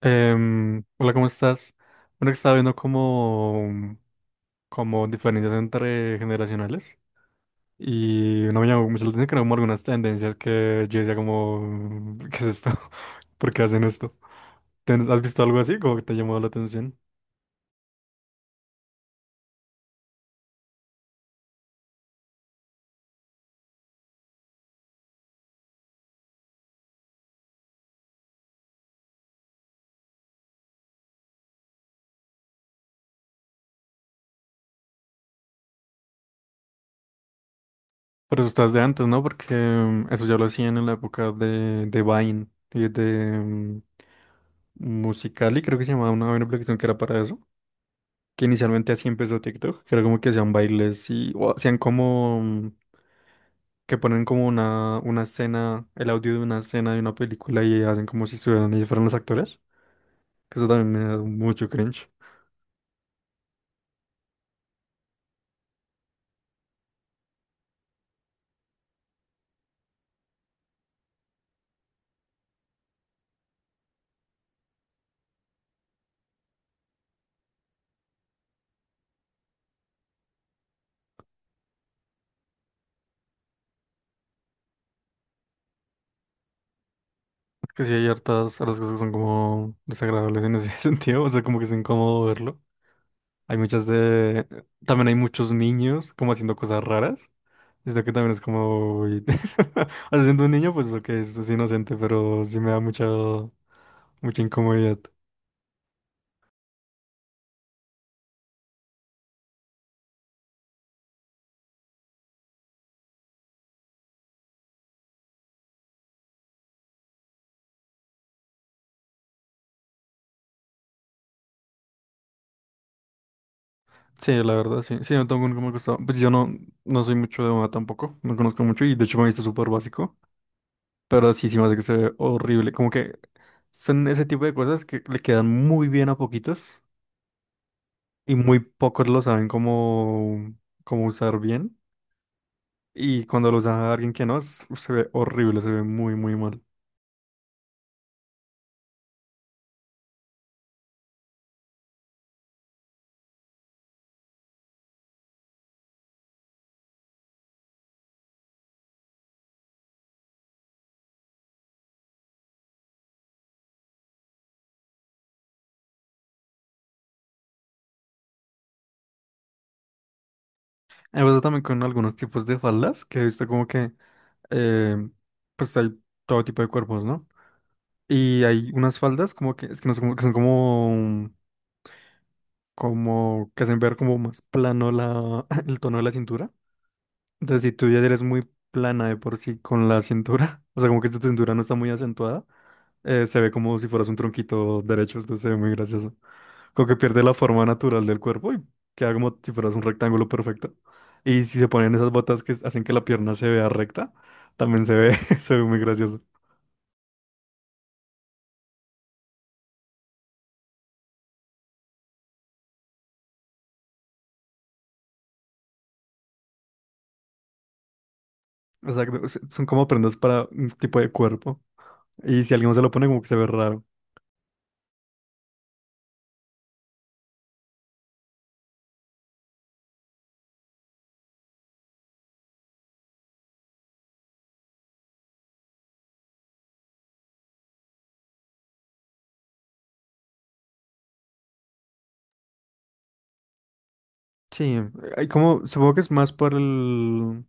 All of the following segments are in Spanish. Hola, ¿cómo estás? Bueno, que estaba viendo como, como diferencias entre generacionales y no me llamó mucho la atención que eran como algunas tendencias que yo decía como, ¿qué es esto? ¿Por qué hacen esto? ¿Has visto algo así como que te llamó la atención? Pero eso estás de antes, ¿no? Porque eso ya lo hacían en la época de Vine y de Musical.ly, creo que se llamaba una aplicación que era para eso, que inicialmente así empezó TikTok, que era como que hacían bailes y o hacían como que ponen como una escena, el audio de una escena de una película y hacen como si estuvieran ellos fueran los actores, que eso también me da mucho cringe. Es que sí hay hartas, hartas cosas que son como desagradables en ese sentido, o sea, como que es incómodo verlo. Hay muchas de... También hay muchos niños como haciendo cosas raras, esto que también es como... uy, o sea, siendo un niño, pues lo que es inocente, pero sí me da mucha... mucha incomodidad. Sí, la verdad, sí. Sí, no tengo nunca me gustado. Pues yo no, no soy mucho de moda tampoco. No conozco mucho y de hecho me he visto súper básico. Pero sí, sí me hace que se ve horrible. Como que son ese tipo de cosas que le quedan muy bien a poquitos y muy pocos lo saben cómo, cómo usar bien. Y cuando lo usa alguien que no, se ve horrible, se ve muy, muy mal. Me pasa también con algunos tipos de faldas que he visto como que, eh, pues hay todo tipo de cuerpos, ¿no? Y hay unas faldas como que, es que no sé, como que son como, como que hacen ver como más plano la, el tono de la cintura. Entonces, si tú ya eres muy plana de por sí con la cintura, o sea, como que tu cintura no está muy acentuada, se ve como si fueras un tronquito derecho, entonces se ve muy gracioso. Como que pierde la forma natural del cuerpo y queda como si fueras un rectángulo perfecto. Y si se ponen esas botas que hacen que la pierna se vea recta, también se ve, se ve muy gracioso. Exacto, sea, son como prendas para un tipo de cuerpo. Y si alguien se lo pone, como que se ve raro. Sí, hay como, supongo que es más por el,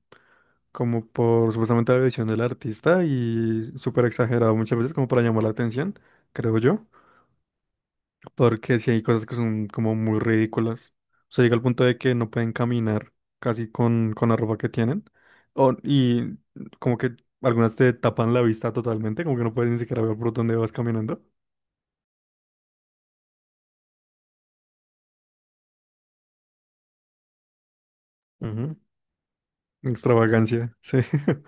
como por supuestamente la visión del artista y súper exagerado muchas veces como para llamar la atención, creo yo, porque sí hay cosas que son como muy ridículas. O sea, llega al punto de que no pueden caminar casi con la ropa que tienen o, y como que algunas te tapan la vista totalmente, como que no puedes ni siquiera ver por dónde vas caminando. Ujú. Extravagancia, sí.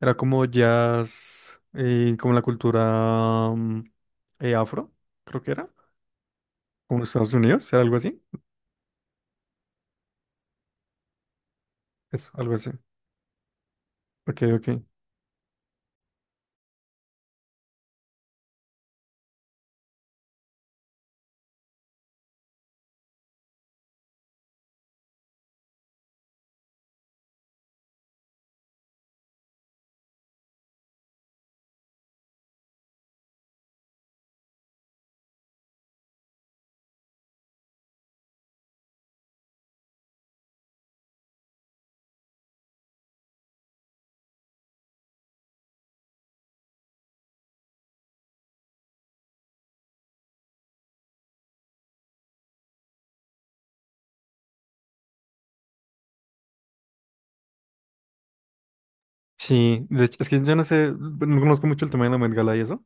Era como jazz, como la cultura afro, creo que era, como Estados Unidos, era algo así. Eso, algo así. Ok, ok. Sí, de hecho, es que yo no sé, no conozco mucho el tema de la Met Gala y eso,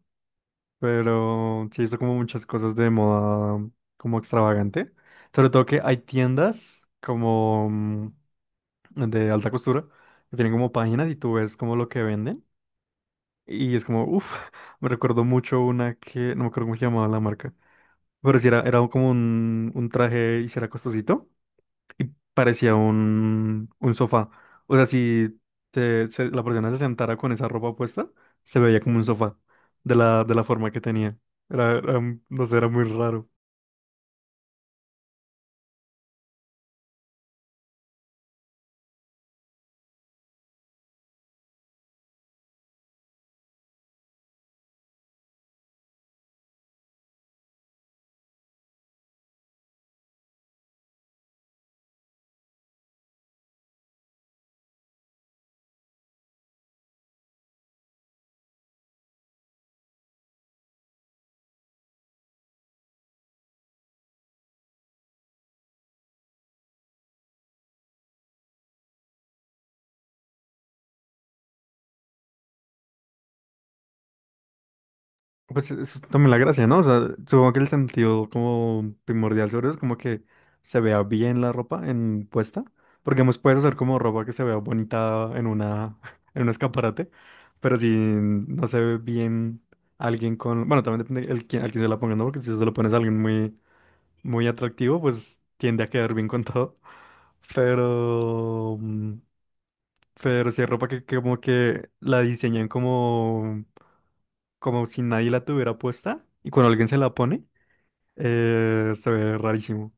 pero sí hizo como muchas cosas de moda como extravagante. Sobre todo que hay tiendas como de alta costura que tienen como páginas y tú ves como lo que venden. Y es como, uff, me recuerdo mucho una que, no me acuerdo cómo se llamaba la marca. Pero si era, era como un traje y si era costosito y parecía un sofá. O sea, si la persona se sentara con esa ropa puesta, se veía como un sofá de la forma que tenía. Era, era un- no sé, era muy raro. Pues eso es también la gracia, ¿no? O sea, supongo que el sentido como primordial sobre eso es como que se vea bien la ropa en puesta, porque hemos puedes hacer como ropa que se vea bonita en una en un escaparate, pero si no se ve bien alguien con, bueno, también depende el al quién se la ponga, ¿no? Porque si se lo pones a alguien muy muy atractivo, pues tiende a quedar bien con todo. Pero pero si hay ropa que como que la diseñan como como si nadie la tuviera puesta y cuando alguien se la pone, se ve rarísimo.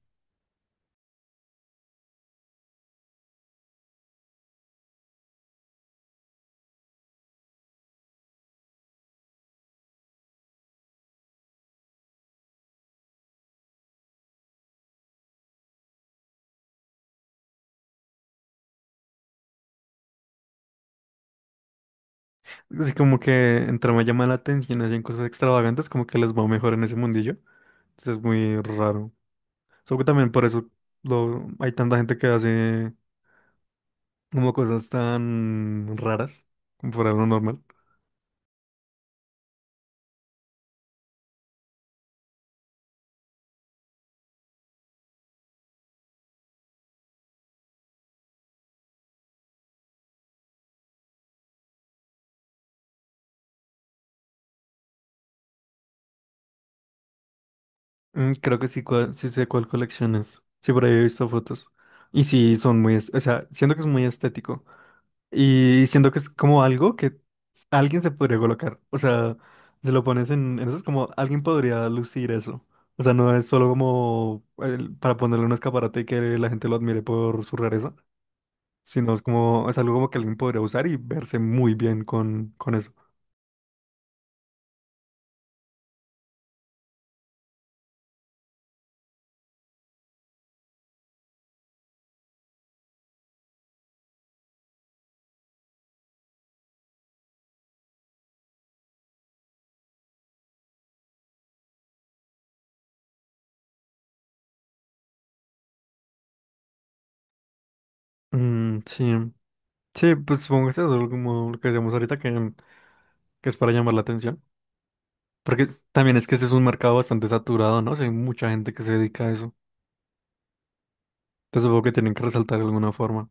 Así como que entre más llama la atención, hacen cosas extravagantes, como que les va mejor en ese mundillo. Entonces es muy raro. Solo que también por eso lo, hay tanta gente que hace como cosas tan raras, como fuera de lo normal. Mm, creo que sí, sí sé cuál colección es. Sí, por ahí he visto fotos. Y sí, son muy, o sea, siento que es muy estético. Y siento que es como algo que alguien se podría colocar. O sea, se lo pones en eso, es como alguien podría lucir eso. O sea, no es solo como para ponerle un escaparate y que la gente lo admire por su rareza, sino es como, es algo como que alguien podría usar y verse muy bien con eso. Mm, sí. Sí, pues supongo que es algo como lo que decíamos ahorita, que es para llamar la atención. Porque también es que ese es un mercado bastante saturado, ¿no? O sea, hay mucha gente que se dedica a eso. Entonces supongo que tienen que resaltar de alguna forma.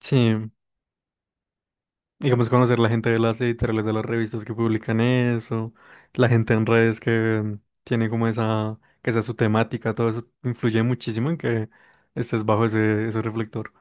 Sí. Digamos, conocer la gente de las editoriales de las revistas que publican eso, la gente en redes que tiene como esa, que sea su temática, todo eso influye muchísimo en que estés bajo ese, ese reflector.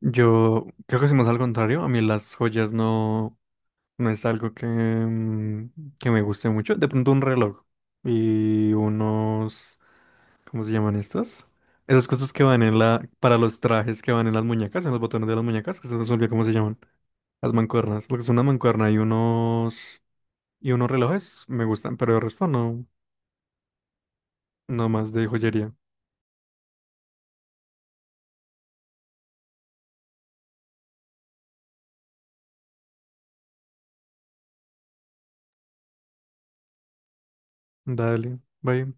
Yo creo que si más al contrario, a mí las joyas no, no es algo que, que me guste mucho. De pronto un reloj y unos, ¿cómo se llaman estos? Esas cosas que van en la, para los trajes que van en las muñecas, en los botones de las muñecas, que se me olvidó cómo se llaman. Las mancuernas, lo que es una mancuerna y unos relojes me gustan, pero el resto no, no más de joyería. Dale, bye.